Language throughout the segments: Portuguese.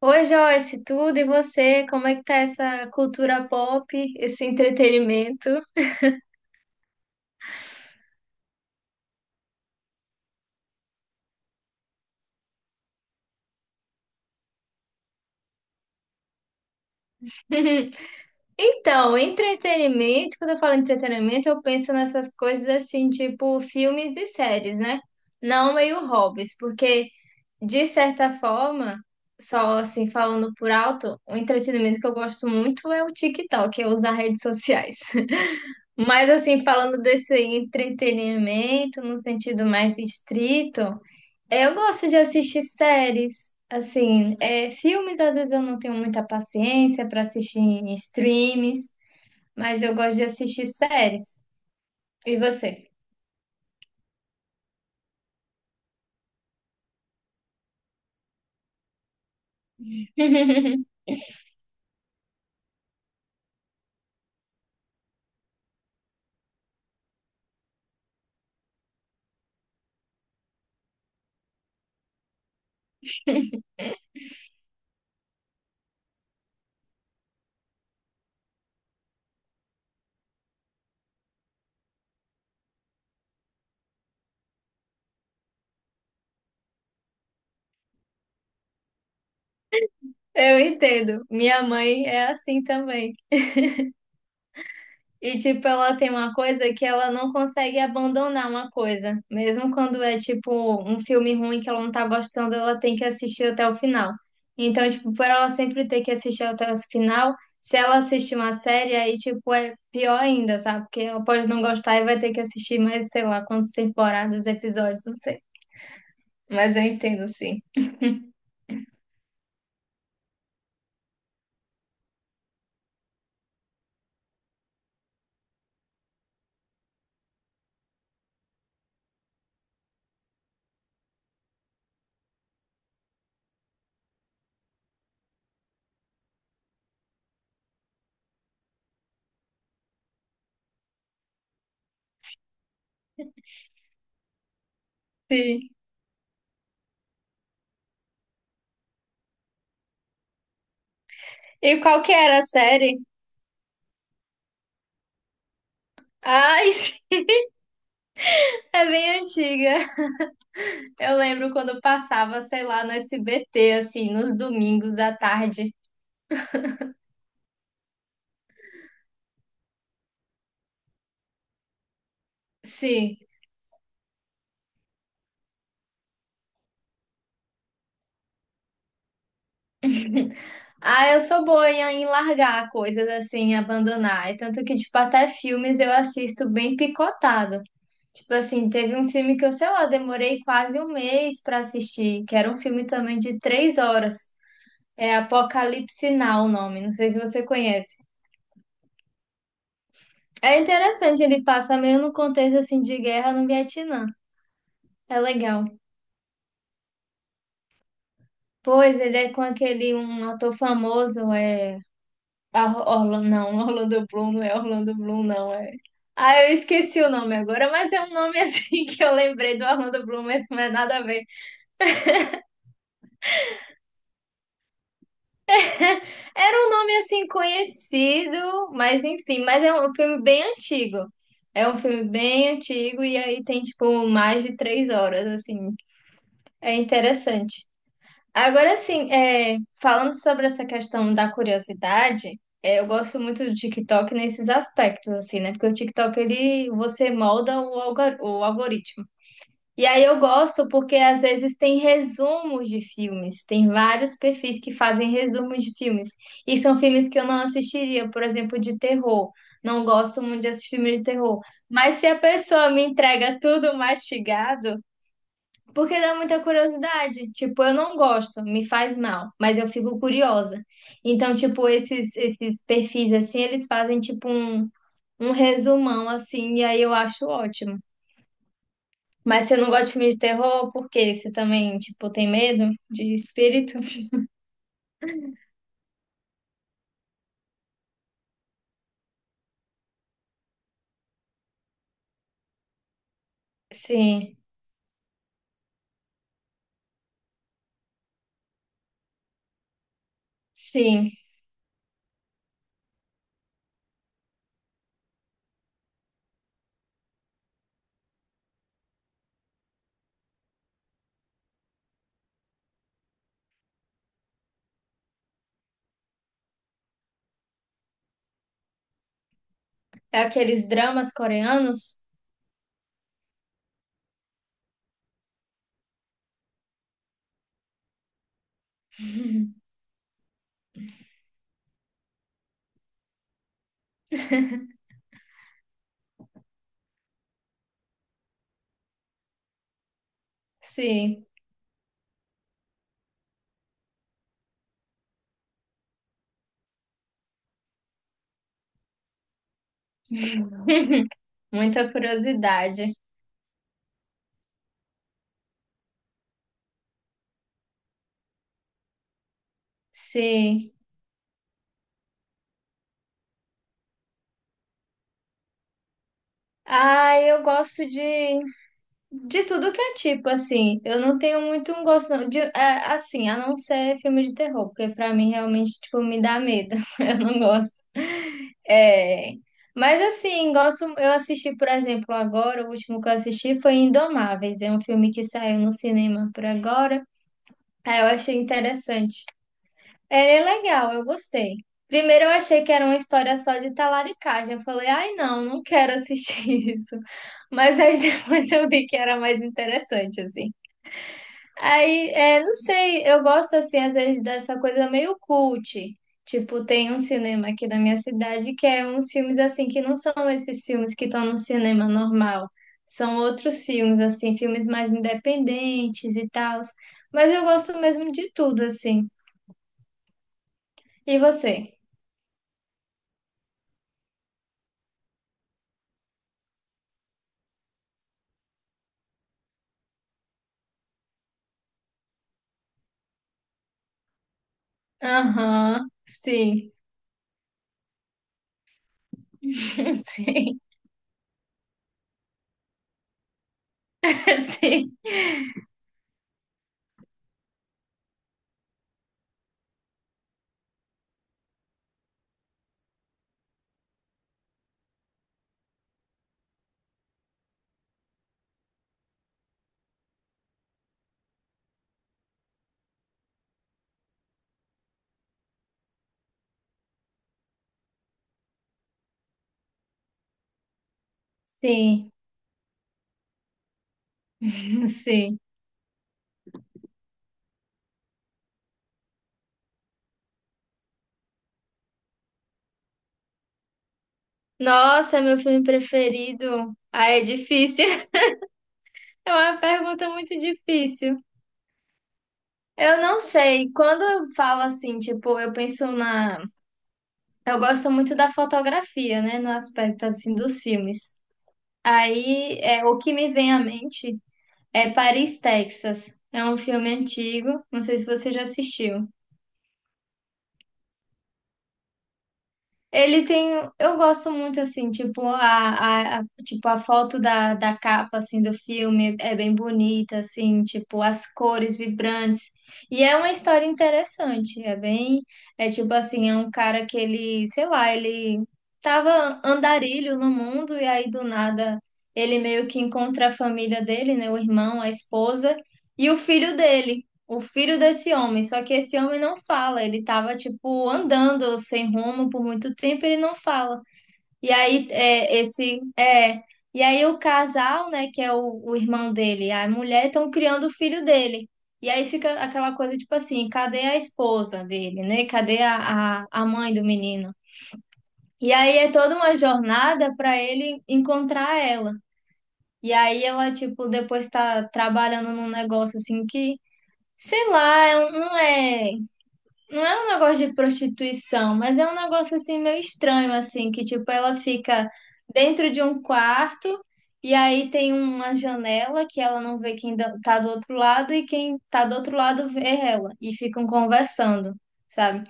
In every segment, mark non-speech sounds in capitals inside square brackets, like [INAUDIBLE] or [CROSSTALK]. Oi, Joyce, tudo e você? Como é que tá essa cultura pop, esse entretenimento? [LAUGHS] Então, entretenimento, quando eu falo entretenimento, eu penso nessas coisas assim, tipo filmes e séries, né? Não meio hobbies, porque de certa forma, só assim falando por alto, o entretenimento que eu gosto muito é o TikTok, eu usar redes sociais. [LAUGHS] Mas assim, falando desse entretenimento no sentido mais estrito, eu gosto de assistir séries, assim, filmes às vezes eu não tenho muita paciência para assistir em streams, mas eu gosto de assistir séries. E você? [LAUGHS] Eu entendo. Minha mãe é assim também. E, tipo, ela tem uma coisa que ela não consegue abandonar uma coisa. Mesmo quando é, tipo, um filme ruim que ela não tá gostando, ela tem que assistir até o final. Então, tipo, por ela sempre ter que assistir até o final, se ela assistir uma série, aí, tipo, é pior ainda, sabe? Porque ela pode não gostar e vai ter que assistir mais, sei lá, quantas temporadas, episódios, não sei. Mas eu entendo, sim. Sim. E qual que era a série? Ai, [LAUGHS] é bem antiga. Eu lembro quando eu passava, sei lá, no SBT, assim, nos domingos à tarde. Sim. [LAUGHS] Ah, eu sou boa em largar coisas assim, abandonar. E tanto que, tipo, até filmes eu assisto bem picotado. Tipo assim, teve um filme que eu, sei lá, demorei quase um mês pra assistir, que era um filme também de três horas. É Apocalipse Now o nome, não sei se você conhece. É interessante, ele passa meio no contexto assim de guerra no Vietnã. É legal. Pois ele é com aquele um ator famoso, é Orlando, não, [LAUGHS] Orlando Bloom, não é Orlando Bloom, não, é. Ah, eu esqueci o nome agora, mas é um nome assim [LAUGHS] que eu lembrei do Orlando Bloom, mas não é nada a ver. Era um nome assim conhecido, mas enfim, mas é um filme bem antigo. É um filme bem antigo e aí tem tipo mais de três horas, assim. É interessante. Agora sim, falando sobre essa questão da curiosidade, eu gosto muito do TikTok nesses aspectos, assim, né? Porque o TikTok, ele, você molda o algoritmo. E aí eu gosto porque às vezes tem resumos de filmes, tem vários perfis que fazem resumos de filmes. E são filmes que eu não assistiria, por exemplo, de terror. Não gosto muito de assistir filme de terror. Mas se a pessoa me entrega tudo mastigado, porque dá muita curiosidade. Tipo, eu não gosto, me faz mal, mas eu fico curiosa. Então, tipo, esses perfis assim, eles fazem tipo um resumão assim, e aí eu acho ótimo. Mas você não gosta de filme de terror, por quê? Você também, tipo, tem medo de espírito? [LAUGHS] Sim, sim. É aqueles dramas coreanos? Sim, muita curiosidade. Sim. Ah, eu gosto de tudo que é tipo, assim, eu não tenho muito um gosto, não, de, assim, a não ser filme de terror, porque pra mim realmente, tipo, me dá medo, [LAUGHS] eu não gosto. É, mas assim, gosto, eu assisti, por exemplo, agora, o último que eu assisti foi Indomáveis, é um filme que saiu no cinema por agora, aí eu achei interessante, é legal, eu gostei. Primeiro eu achei que era uma história só de talaricagem. Eu falei, ai não, não quero assistir [LAUGHS] isso. Mas aí [LAUGHS] depois eu vi que era mais interessante, assim. Aí, não sei, eu gosto, assim, às vezes dessa coisa meio cult. Tipo, tem um cinema aqui da minha cidade que é uns filmes, assim, que não são esses filmes que estão no cinema normal. São outros filmes, assim, filmes mais independentes e tal. Mas eu gosto mesmo de tudo, assim. E você? Aham, sim, [LAUGHS] sim, sim, sim, sim. Nossa, meu filme preferido. Ah, é difícil. [LAUGHS] É uma pergunta muito difícil. Eu não sei. Quando eu falo assim, tipo, eu penso na. Eu gosto muito da fotografia, né? No aspecto assim dos filmes. Aí, o que me vem à mente é Paris, Texas. É um filme antigo. Não sei se você já assistiu. Ele tem, eu gosto muito assim, tipo tipo a foto da capa assim do filme é bem bonita assim, tipo as cores vibrantes. E é uma história interessante, é bem, é tipo assim, é um cara que ele, sei lá, ele tava andarilho no mundo e aí do nada ele meio que encontra a família dele, né, o irmão, a esposa e o filho desse homem, só que esse homem não fala, ele tava tipo andando sem rumo por muito tempo, ele não fala. E aí e aí o casal, né, que é o irmão dele, e a mulher estão criando o filho dele. E aí fica aquela coisa tipo assim, cadê a esposa dele, né? Cadê a mãe do menino? E aí é toda uma jornada para ele encontrar ela. E aí ela tipo depois tá trabalhando num negócio assim que sei lá, não é. Não é um negócio de prostituição, mas é um negócio assim meio estranho, assim, que tipo, ela fica dentro de um quarto e aí tem uma janela que ela não vê quem tá do outro lado e quem tá do outro lado vê ela e ficam conversando, sabe?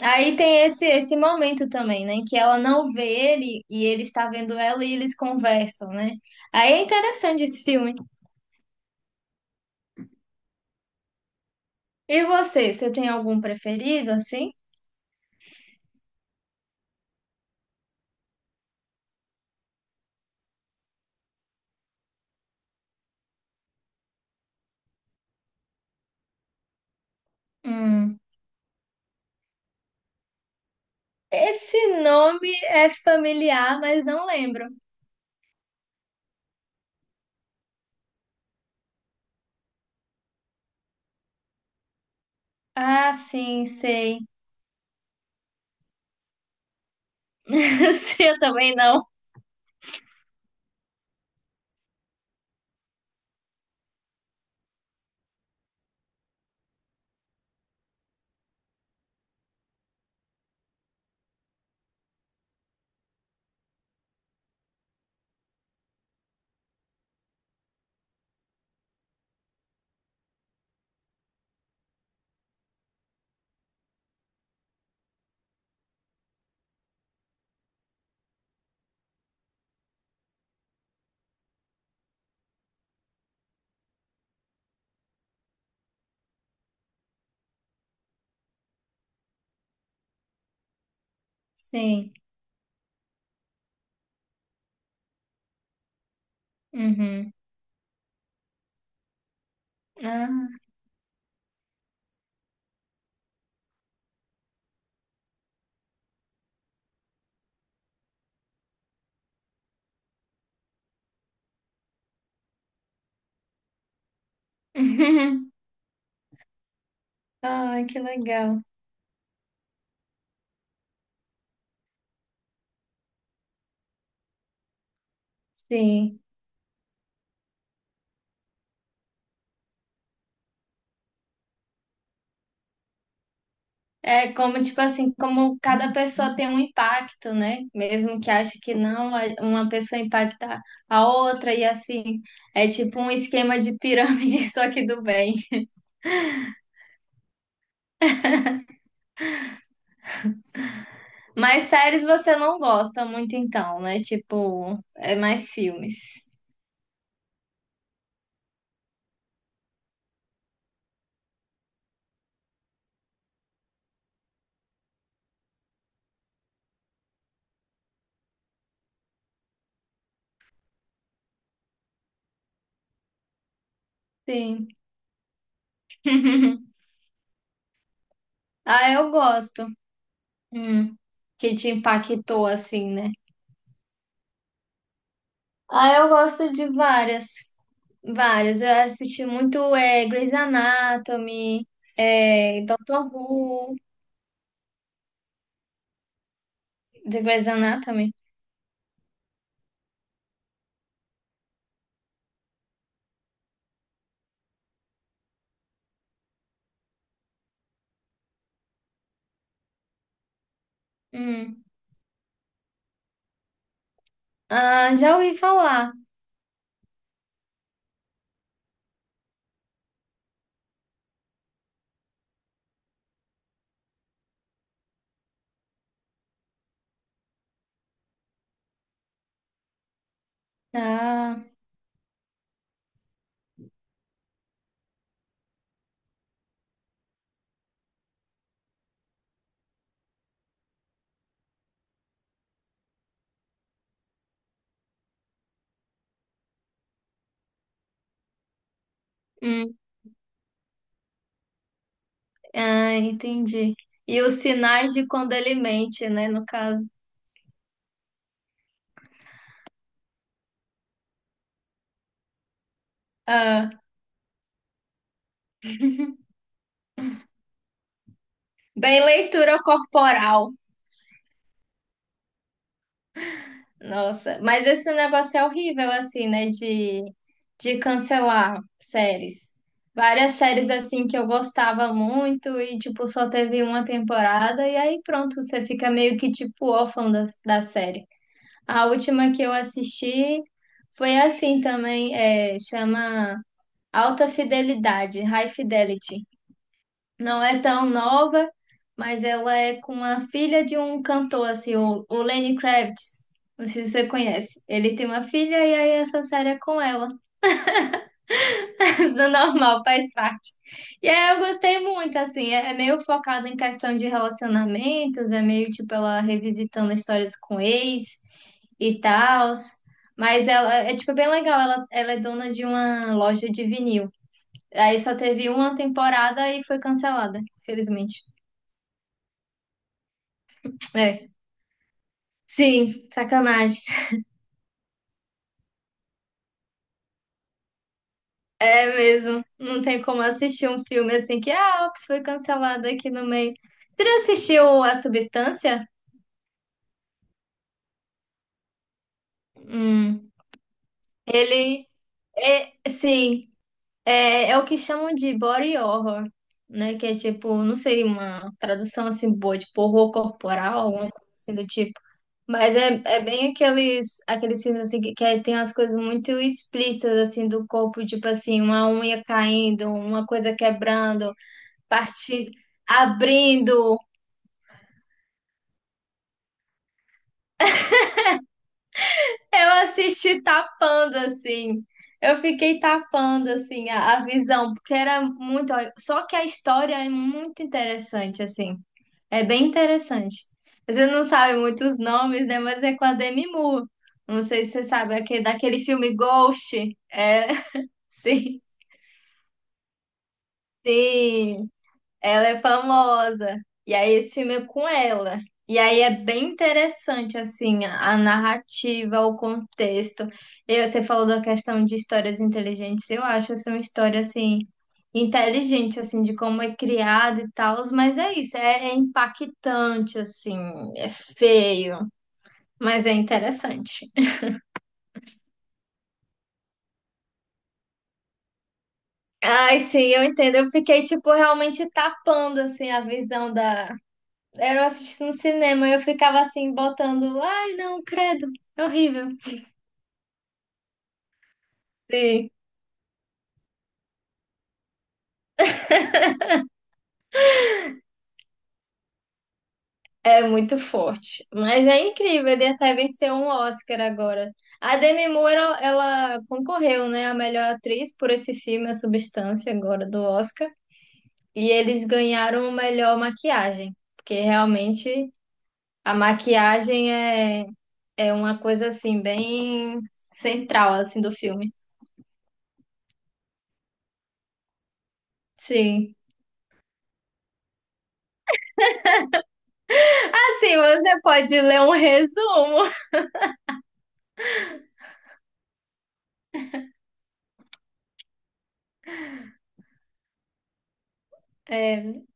Aí tem esse momento também, né, que ela não vê ele e ele está vendo ela e eles conversam, né? Aí é interessante esse filme. E você tem algum preferido assim? Hum. Esse nome é familiar, mas não lembro. Ah, sim, sei. [LAUGHS] Sim, eu também não. Sim. Uhum. Ah. [LAUGHS] Ai, que legal. Sim. É como, tipo assim, como cada pessoa tem um impacto, né? Mesmo que ache que não, uma pessoa impacta a outra e assim. É tipo um esquema de pirâmide, [LAUGHS] só que do bem. Mas séries você não gosta muito então, né? Tipo, é mais filmes. Sim. [LAUGHS] Ah, eu gosto. Hum, que te impactou assim, né? Ah, eu gosto de várias. Várias. Eu assisti muito Grey's Anatomy, Doctor Who, de Grey's Anatomy. Hum. Ah, já ouvi falar. Ah, hum, entendi. E os sinais de quando ele mente, né, no caso. Ah, bem leitura corporal. Nossa, mas esse negócio é horrível, assim, né? De cancelar séries. Várias séries, assim, que eu gostava muito e, tipo, só teve uma temporada e aí pronto, você fica meio que, tipo, órfão da série. A última que eu assisti foi assim também, chama Alta Fidelidade, High Fidelity. Não é tão nova, mas ela é com a filha de um cantor, assim, o Lenny Kravitz. Não sei se você conhece. Ele tem uma filha e aí essa série é com ela. [LAUGHS] Do normal, faz parte. E aí eu gostei muito, assim, é meio focado em questão de relacionamentos, é meio tipo ela revisitando histórias com ex e tal. Mas ela é, tipo bem legal, ela é dona de uma loja de vinil. Aí só teve uma temporada e foi cancelada, felizmente. É. Sim, sacanagem. É mesmo. Não tem como assistir um filme assim que, ah, ops, foi cancelado aqui no meio. Você já assistiu A Substância? Hum. Ele é, sim, é o que chamam de body horror, né? Que é tipo, não sei, uma tradução assim boa, tipo horror corporal, alguma coisa assim do tipo. Mas é bem aqueles filmes assim que, tem umas coisas muito explícitas assim do corpo, tipo assim, uma unha caindo, uma coisa quebrando, partindo, abrindo. Eu assisti tapando assim. Eu fiquei tapando assim a visão, porque era muito. Só que a história é muito interessante assim. É bem interessante. Você não sabe muitos nomes, né? Mas é com a Demi Moore. Não sei se você sabe, daquele filme Ghost. É, [LAUGHS] sim, sim. Ela é famosa. E aí esse filme é com ela. E aí é bem interessante, assim, a narrativa, o contexto. E você falou da questão de histórias inteligentes. Eu acho essa uma história, assim, inteligente, assim, de como é criada e tal. Mas é isso, é impactante, assim, é feio, mas é interessante. Ai, sim, eu entendo. Eu fiquei, tipo, realmente tapando, assim, a visão. Da Era eu assistindo no cinema, eu ficava assim, botando, ai, não, credo, é horrível. Sim. É muito forte. Mas é incrível, ele até venceu um Oscar agora. A Demi Moore, ela concorreu, né, a melhor atriz por esse filme, A Substância, agora do Oscar. E eles ganharam o melhor maquiagem, porque realmente a maquiagem é uma coisa, assim, bem central, assim, do filme. Sim. Assim, você pode ler um resumo. É,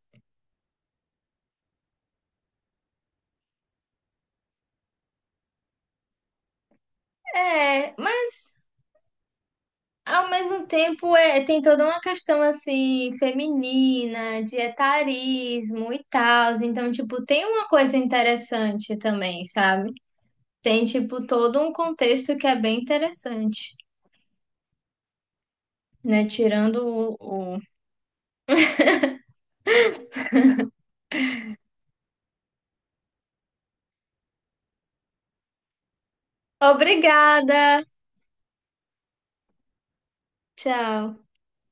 mas ao mesmo tempo tem toda uma questão assim feminina, de etarismo e tal. Então, tipo, tem uma coisa interessante também, sabe? Tem, tipo, todo um contexto que é bem interessante, né? Tirando o... o- Obrigada! Tchau!